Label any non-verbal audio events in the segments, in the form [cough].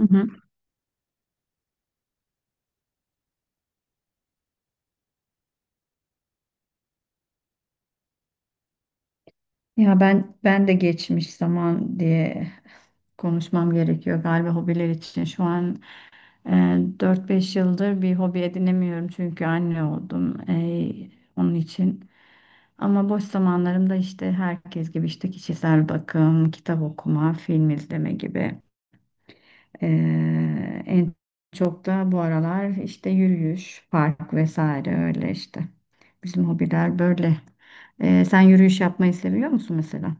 Hı hı. Ya ben de geçmiş zaman diye konuşmam gerekiyor galiba hobiler için. Şu an e, 4-5 yıldır bir hobi edinemiyorum çünkü anne oldum. Onun için. Ama boş zamanlarımda işte herkes gibi işte kişisel bakım, kitap okuma, film izleme gibi. E, En çok da bu aralar işte yürüyüş, park vesaire öyle işte. Bizim hobiler böyle. Sen yürüyüş yapmayı seviyor musun mesela?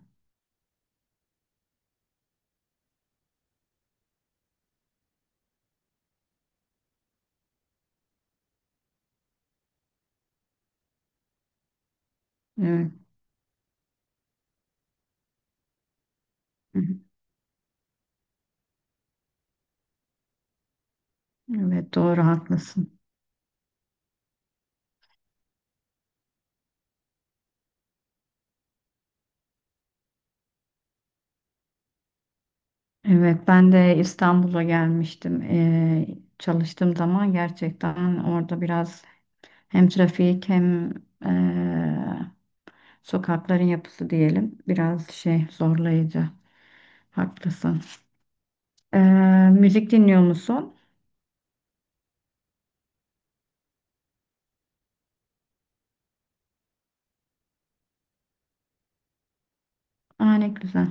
Evet, hı hı. Evet, doğru, haklısın. Evet, ben de İstanbul'a gelmiştim. Çalıştığım zaman gerçekten orada biraz hem trafik hem eee, sokakların yapısı diyelim biraz şey zorlayıcı. Haklısın. Ee, Müzik dinliyor musun? Aa, ne güzel.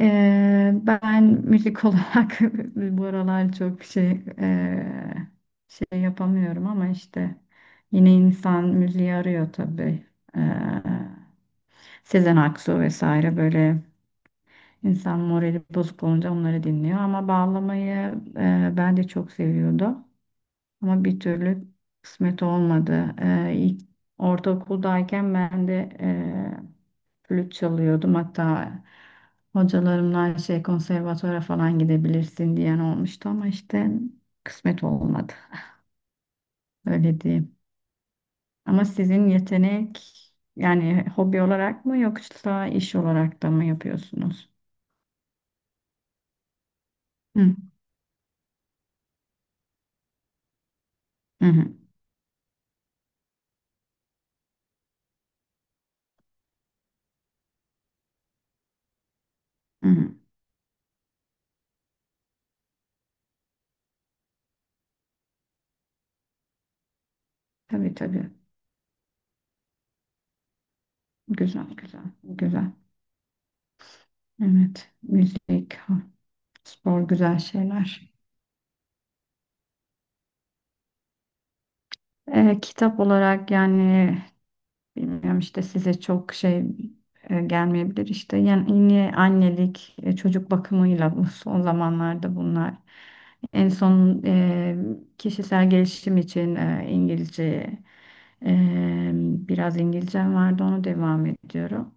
Ben müzik olarak [laughs] bu aralar çok şey eee, şey yapamıyorum ama işte yine insan müziği arıyor tabii. Ee, Sezen Aksu vesaire böyle insan morali bozuk olunca onları dinliyor ama bağlamayı ben de çok seviyordum. Ama bir türlü kısmet olmadı. İlk ortaokuldayken ben de flüt çalıyordum. Hatta hocalarımdan şey konservatuvara falan gidebilirsin diyen olmuştu ama işte kısmet olmadı. [laughs] Öyle diyeyim. Ama sizin yetenek yani hobi olarak mı yoksa iş olarak da mı yapıyorsunuz? Hı hı hı. Hı. Tabii tabii. Güzel güzel güzel. Evet. Müzik, spor güzel şeyler. Kitap olarak yani bilmiyorum işte size çok şey gelmeyebilir işte yani yeni annelik, çocuk bakımıyla bu son zamanlarda bunlar en son kişisel gelişim için İngilizce biraz İngilizcem vardı, onu devam ediyorum.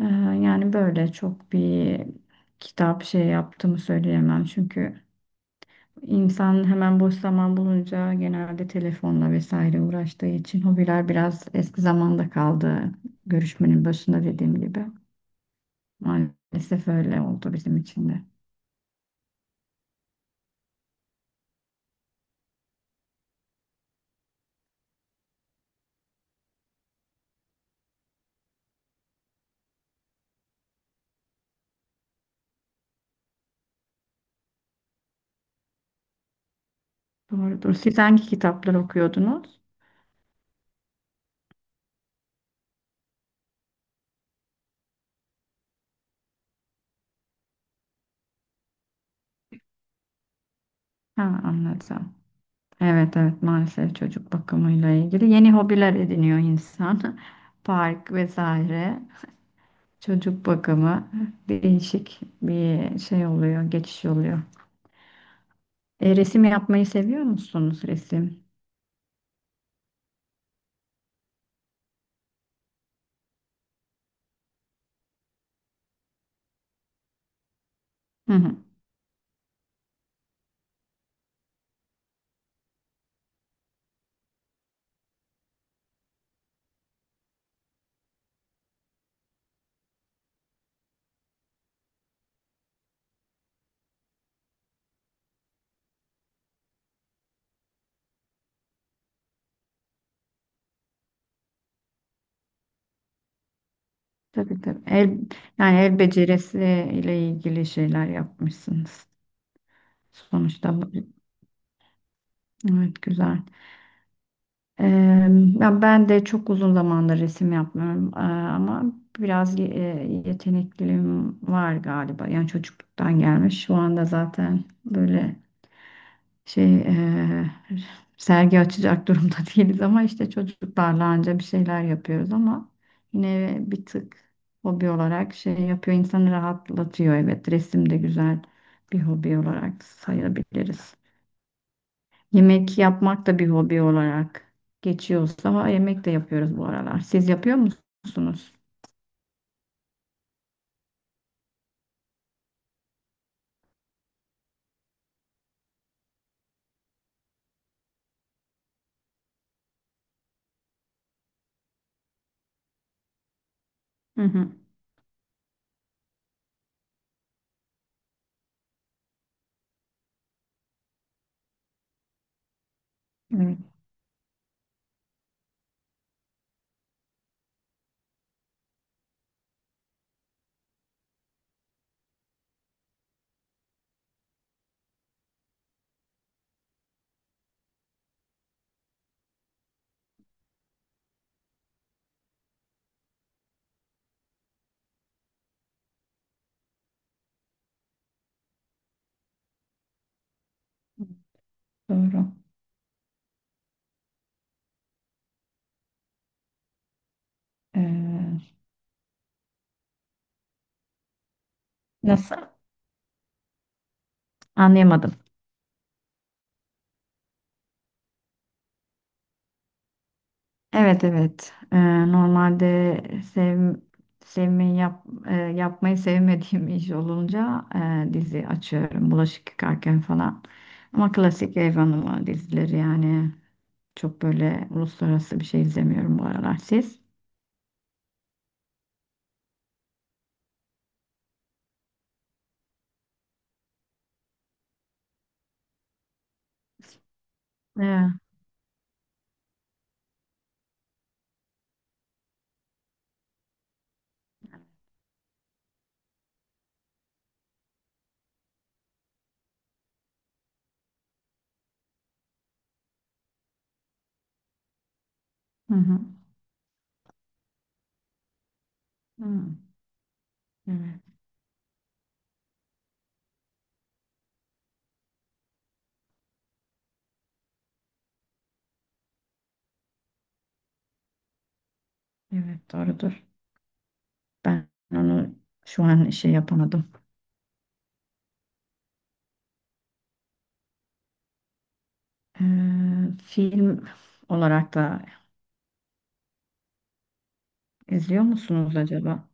E, Yani böyle çok bir kitap şey yaptığımı söyleyemem çünkü. İnsan hemen boş zaman bulunca genelde telefonla vesaire uğraştığı için hobiler biraz eski zamanda kaldı. Görüşmenin başında dediğim gibi. Maalesef öyle oldu bizim için de. Doğrudur. Siz hangi kitaplar okuyordunuz? Ha, anlatsam. Evet, evet, maalesef çocuk bakımıyla ilgili yeni hobiler ediniyor insan. [laughs] Park vesaire. Çocuk bakımı değişik bir şey oluyor, geçiş oluyor. Resim yapmayı seviyor musunuz, resim? Hı hı. Tabii tabii. El, yani el becerisi ile ilgili şeyler yapmışsınız. Sonuçta evet, güzel. Ee, Ya ben de çok uzun zamandır resim yapmıyorum. Ama biraz yetenekliliğim var galiba. Yani çocukluktan gelmiş. Şu anda zaten böyle şey sergi açacak durumda [laughs] değiliz ama işte çocuklarla anca bir şeyler yapıyoruz ama yine bir tık hobi olarak şey yapıyor, insanı rahatlatıyor. Evet, resim de güzel bir hobi olarak sayabiliriz. Yemek yapmak da bir hobi olarak geçiyorsa ha, yemek de yapıyoruz bu aralar. Siz yapıyor musunuz? Hı hı. Evet, doğru. Eee, Nasıl? Anlayamadım. Evet, evet. Normalde sev, sevmeyi yapmayı sevmediğim iş olunca dizi açıyorum. Bulaşık yıkarken falan. Ama klasik ev hanımı dizileri yani çok böyle uluslararası bir şey izlemiyorum bu aralar. Siz? Ee, hı hı. Hı. Evet, evet, doğrudur. Ben onu şu an şey yapamadım. Ee, Film olarak da izliyor musunuz acaba?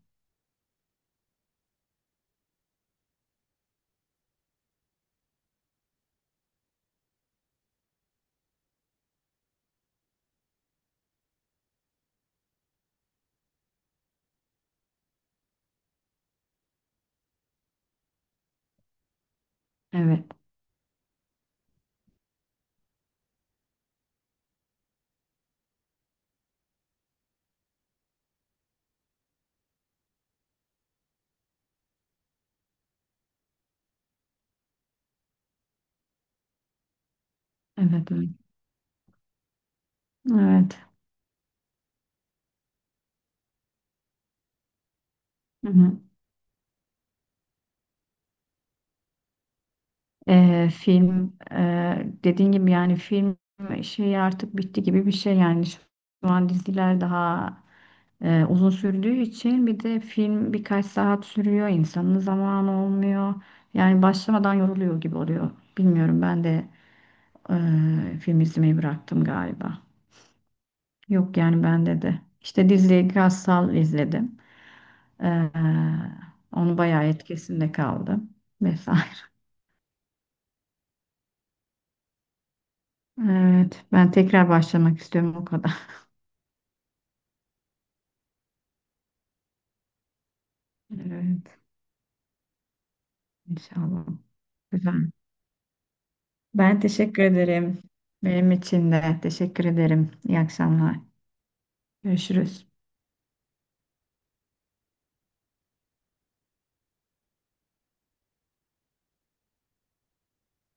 Evet, evet, evet. Evet. Hı hı. Film dediğin gibi yani film şeyi artık bitti gibi bir şey yani şu an diziler daha uzun sürdüğü için, bir de film birkaç saat sürüyor, insanın zamanı olmuyor yani başlamadan yoruluyor gibi oluyor. Bilmiyorum, ben de film izlemeyi bıraktım galiba. Yok yani bende de işte diziyi Gassal izledim. Ee, Onu bayağı etkisinde kaldım vesaire. Evet, ben tekrar başlamak istiyorum o kadar. Evet, inşallah. Güzel. Ben teşekkür ederim. Benim için de teşekkür ederim. İyi akşamlar. Görüşürüz.